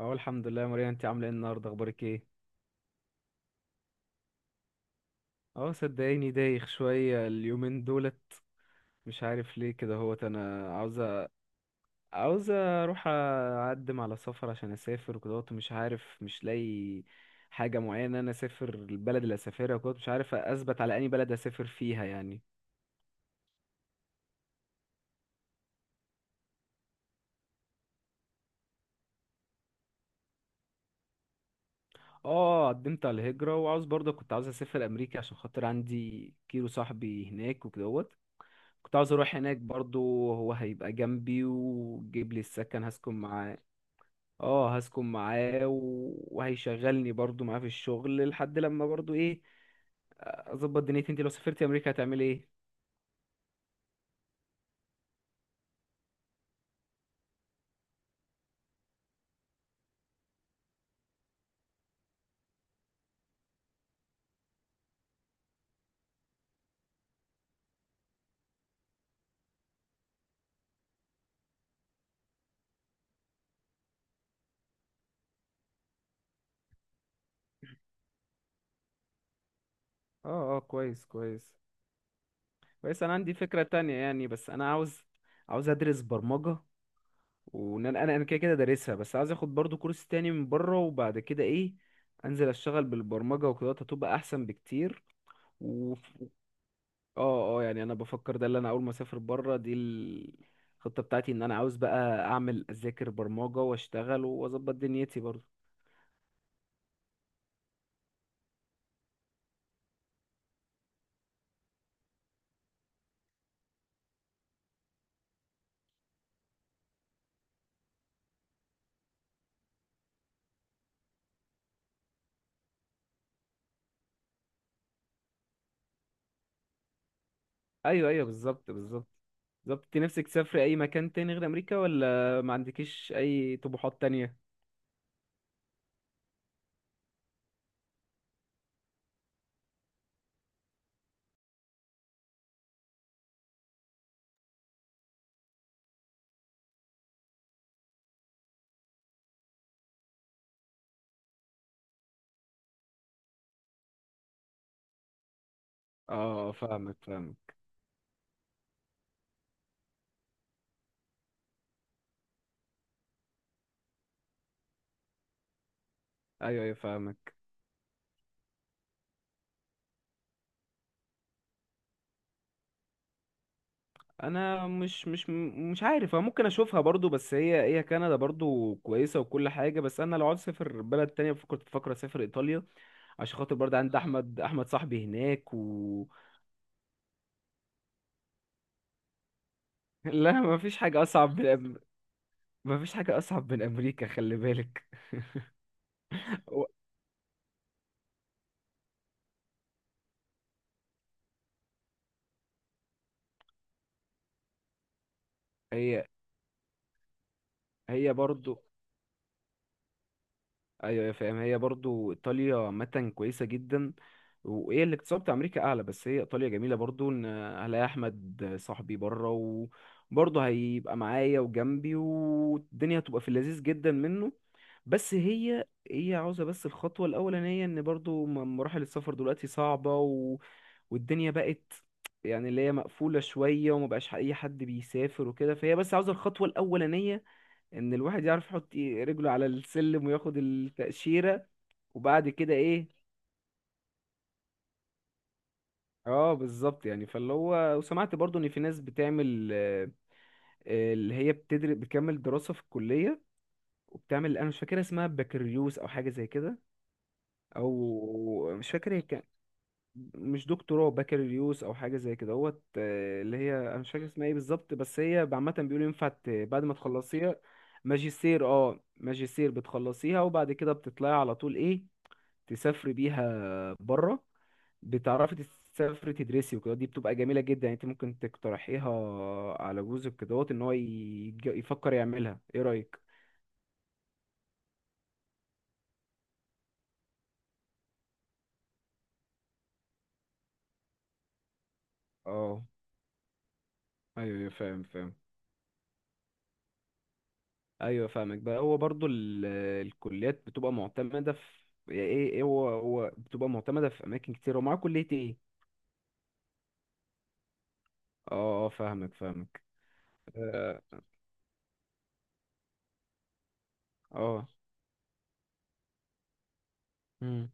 اه، الحمد لله يا ماريا. انت عامله ايه النهارده؟ اخبارك ايه؟ اه صدقيني دايخ شويه اليومين دولت. مش عارف ليه كده هوت انا عاوزه اروح اقدم على سفر عشان اسافر وكده اهوت، مش عارف، مش لاقي حاجه معينه انا اسافر البلد اللي اسافرها وكده. مش عارف اثبت على اني بلد اسافر فيها يعني. اه قدمت على الهجره وعاوز برضه، كنت عاوز اسافر امريكا عشان خاطر عندي كيلو صاحبي هناك وكدهوت. كنت عاوز اروح هناك برضه. هو هيبقى جنبي وجيب لي السكن، هسكن معاه. اه هسكن معاه وهيشغلني برضو معاه في الشغل لحد لما برضو ايه، اظبط دنيتي. انت لو سافرتي امريكا هتعملي ايه؟ اه اه كويس كويس. كويس، انا عندي فكرة تانية يعني، بس انا عاوز. عاوز ادرس برمجة. وان انا كده كده دارسها، بس عاوز اخد برضو كورس تاني من بره وبعد كده ايه، انزل اشتغل بالبرمجة وكده هتبقى احسن بكتير. اه اه، يعني انا بفكر ده اللي انا اول ما اسافر بره دي الخطه بتاعتي، ان انا عاوز بقى اعمل اذاكر برمجه واشتغل واظبط دنيتي برضه. ايوه ايوه، بالظبط بالظبط. بالظبط، انت نفسك تسافري اي مكان تاني غير امريكا، ولا ما عندكيش اي طموحات تانية؟ اه، فاهمك فاهمك. ايوه ايوه فاهمك. انا مش عارف. أنا ممكن اشوفها برضو، بس هي كندا برضو كويسه وكل حاجه، بس انا لو عاوز اسافر بلد تانية كنت بفكر اسافر ايطاليا عشان خاطر برضه عندي احمد صاحبي هناك. لا، ما فيش حاجة ما فيش حاجة أصعب من أمريكا، خلي بالك. و- هي هي برضو. أيوة يا فاهم، هي برضو إيطاليا عامة كويسة جدا. وهي الاقتصاد بتاع أمريكا أعلى، بس هي إيطاليا جميلة برضو. إن هلاقي أحمد صاحبي بره وبرضه هيبقى معايا وجنبي، والدنيا هتبقى في اللذيذ جدا منه. بس هي عاوزة، بس الخطوة الأولانية إن برضو مراحل السفر دلوقتي صعبة، والدنيا بقت يعني اللي هي مقفولة شوية ومبقاش أي حد بيسافر وكده، فهي بس عاوزة الخطوة الأولانية إن الواحد يعرف يحط إيه رجله على السلم وياخد التأشيرة. وبعد كده إيه؟ اه بالظبط يعني. فاللي هو وسمعت برضو ان في ناس بتعمل اللي هي بتدرس بتكمل دراسة في الكلية وبتعمل، انا مش فاكر اسمها بكالوريوس او حاجة زي كده، او مش فاكر هي، مش دكتوراه، بكالوريوس او حاجه زي كده هوت. اللي هي انا مش فاكر اسمها ايه بالظبط، بس هي عامه بيقولوا ينفع بعد ما تخلصيها. ماجستير. اه ماجستير بتخلصيها، وبعد كده بتطلعي على طول ايه، تسافري بيها بره. بتعرفي تسافري تدرسي وكده، دي بتبقى جميله جدا يعني. انت ممكن تقترحيها على جوزك كدهوت ان هو يفكر يعملها. ايه رايك؟ اه، ايوه أيوة، فاهم فاهم. ايوه فاهمك بقى. هو برضو الكليات بتبقى معتمده في يعني ايه ايه. هو بتبقى معتمده في اماكن كتير، ومعاه كليه ايه. اه اه فاهمك فاهمك. اه. آه. مم.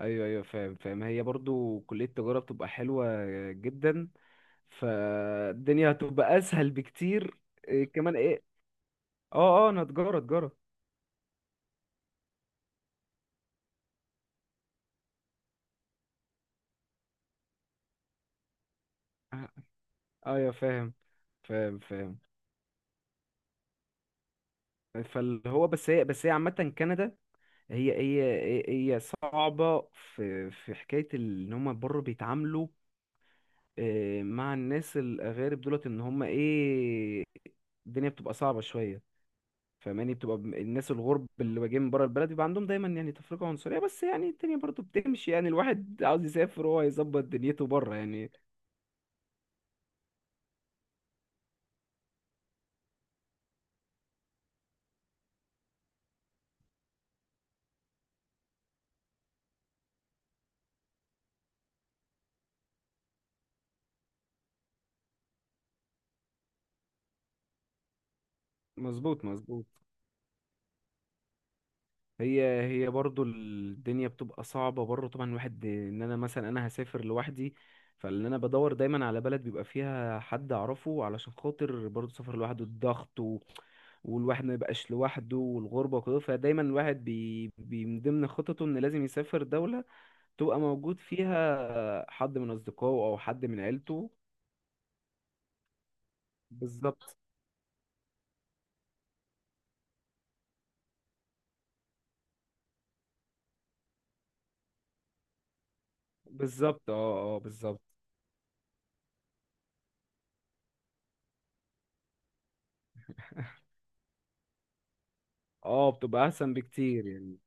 ايوه ايوه فاهم فاهم. هي برضو كليه التجاره بتبقى حلوه جدا، فالدنيا هتبقى اسهل بكتير. إيه كمان ايه؟ اه اه انا تجاره تجاره. آه، ايوه فاهم فاهم فاهم. فاللي هو بس هي، بس هي عامه كندا، هي هي هي صعبة. في حكاية ان هما برضه بيتعاملوا مع الناس الأغارب دولت ان هما ايه، الدنيا بتبقى صعبة شوية. فاهماني، بتبقى الناس الغرب اللي جايين من بره البلد بيبقى عندهم دايما يعني تفرقة عنصرية، بس يعني الدنيا برضه بتمشي يعني، الواحد عاوز يسافر وهو يظبط دنيته بره يعني. مظبوط مظبوط. هي برضو الدنيا بتبقى صعبة برضو طبعا الواحد. ان انا مثلا انا هسافر لوحدي، فاللي انا بدور دايما على بلد بيبقى فيها حد اعرفه علشان خاطر برضو سفر لوحده، الضغط و... والواحد ما يبقاش لوحده، والغربة وكده، فدايما الواحد بي... بي من ضمن خططه ان لازم يسافر دولة تبقى موجود فيها حد من اصدقائه او حد من عيلته. بالظبط بالظبط اه اه بالظبط. اه بتبقى احسن بكتير يعني.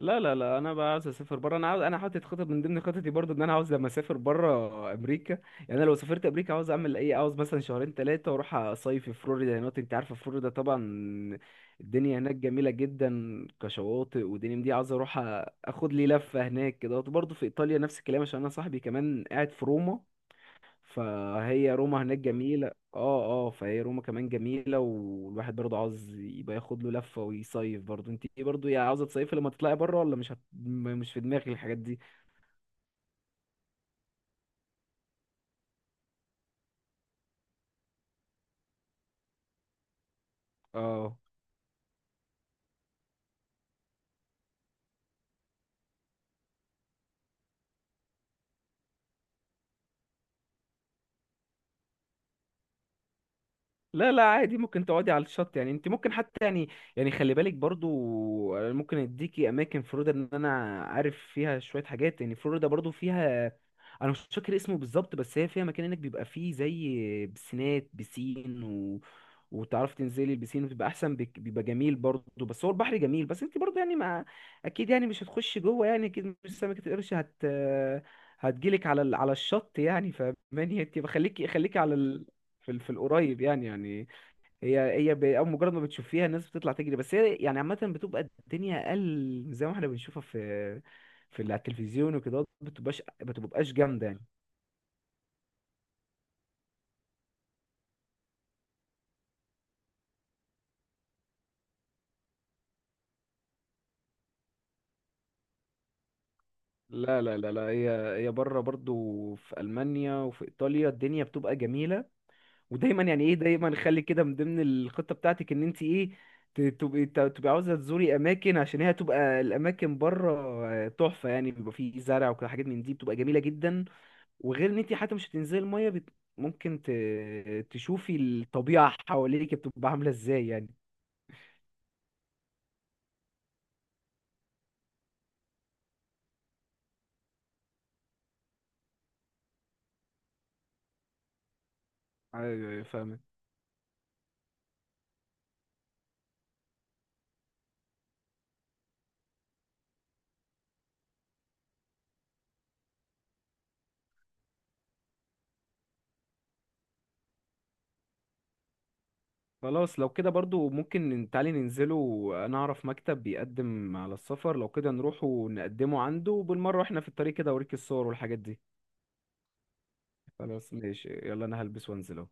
لا لا لا، انا بقى عاوز اسافر بره. انا عاوز، انا حاطط خطط من ضمن خططي برضو ان انا عاوز لما اسافر بره امريكا، يعني انا لو سافرت امريكا عاوز اعمل ايه؟ عاوز مثلا شهرين ثلاثه واروح اصيف في فلوريدا هناك. انت عارفه فلوريدا طبعا. الدنيا هناك جميله جدا كشواطئ ودنيا من دي. عاوز اروح اخد لي لفه هناك كده. برضو في ايطاليا نفس الكلام عشان انا صاحبي كمان قاعد في روما. فهي روما هناك جميلة. اه اه فهي روما كمان جميلة، والواحد برضه عاوز يبقى ياخد له لفة ويصيف برضه. انت ايه برضه يا، عاوزة تصيفي لما تطلعي بره، ولا مش هت... م- مش في دماغك الحاجات دي؟ اه، لا لا عادي ممكن تقعدي على الشط يعني. انت ممكن حتى يعني، يعني خلي بالك برضه. أنا ممكن اديكي اماكن فلوريدا ان انا عارف فيها شوية حاجات. يعني فلوريدا برضه فيها، انا مش فاكر اسمه بالظبط، بس هي فيها مكان هناك بيبقى فيه زي بسينات بسين، وتعرفي تنزلي البسين وتبقى احسن بيبقى جميل برضه. بس هو البحر جميل، بس انت برضه يعني ما، اكيد يعني مش هتخشي جوه يعني. اكيد مش سمكة القرش هتجيلك على على الشط يعني. فماني انت بخليكي، خليكي على في في القريب يعني يعني. هي هي أول مجرد ما بتشوفيها الناس بتطلع تجري، بس هي يعني عامة بتبقى الدنيا اقل زي ما احنا بنشوفها في في على التلفزيون وكده، بتبقاش جامدة يعني. لا لا لا لا. هي بره برضو في ألمانيا وفي إيطاليا الدنيا بتبقى جميلة. ودايما يعني ايه، دايما خلي كده من ضمن الخطه بتاعتك ان انت ايه، تبقي عاوزه تزوري اماكن، عشان هي هتبقى الاماكن بره تحفه يعني، بيبقى فيه زرع وكده حاجات من دي بتبقى جميله جدا. وغير ان انت حتى مش هتنزلي الميه ممكن تشوفي الطبيعه حواليك بتبقى عامله ازاي يعني. ايوه أيوة، فاهمك. خلاص لو كده برضو ممكن تعالي ننزله. انا اعرف مكتب بيقدم على السفر، لو كده نروح ونقدمه عنده، وبالمره واحنا في الطريق كده اوريك الصور والحاجات دي. خلاص ماشي، يلا انا هلبس وانزل اهو.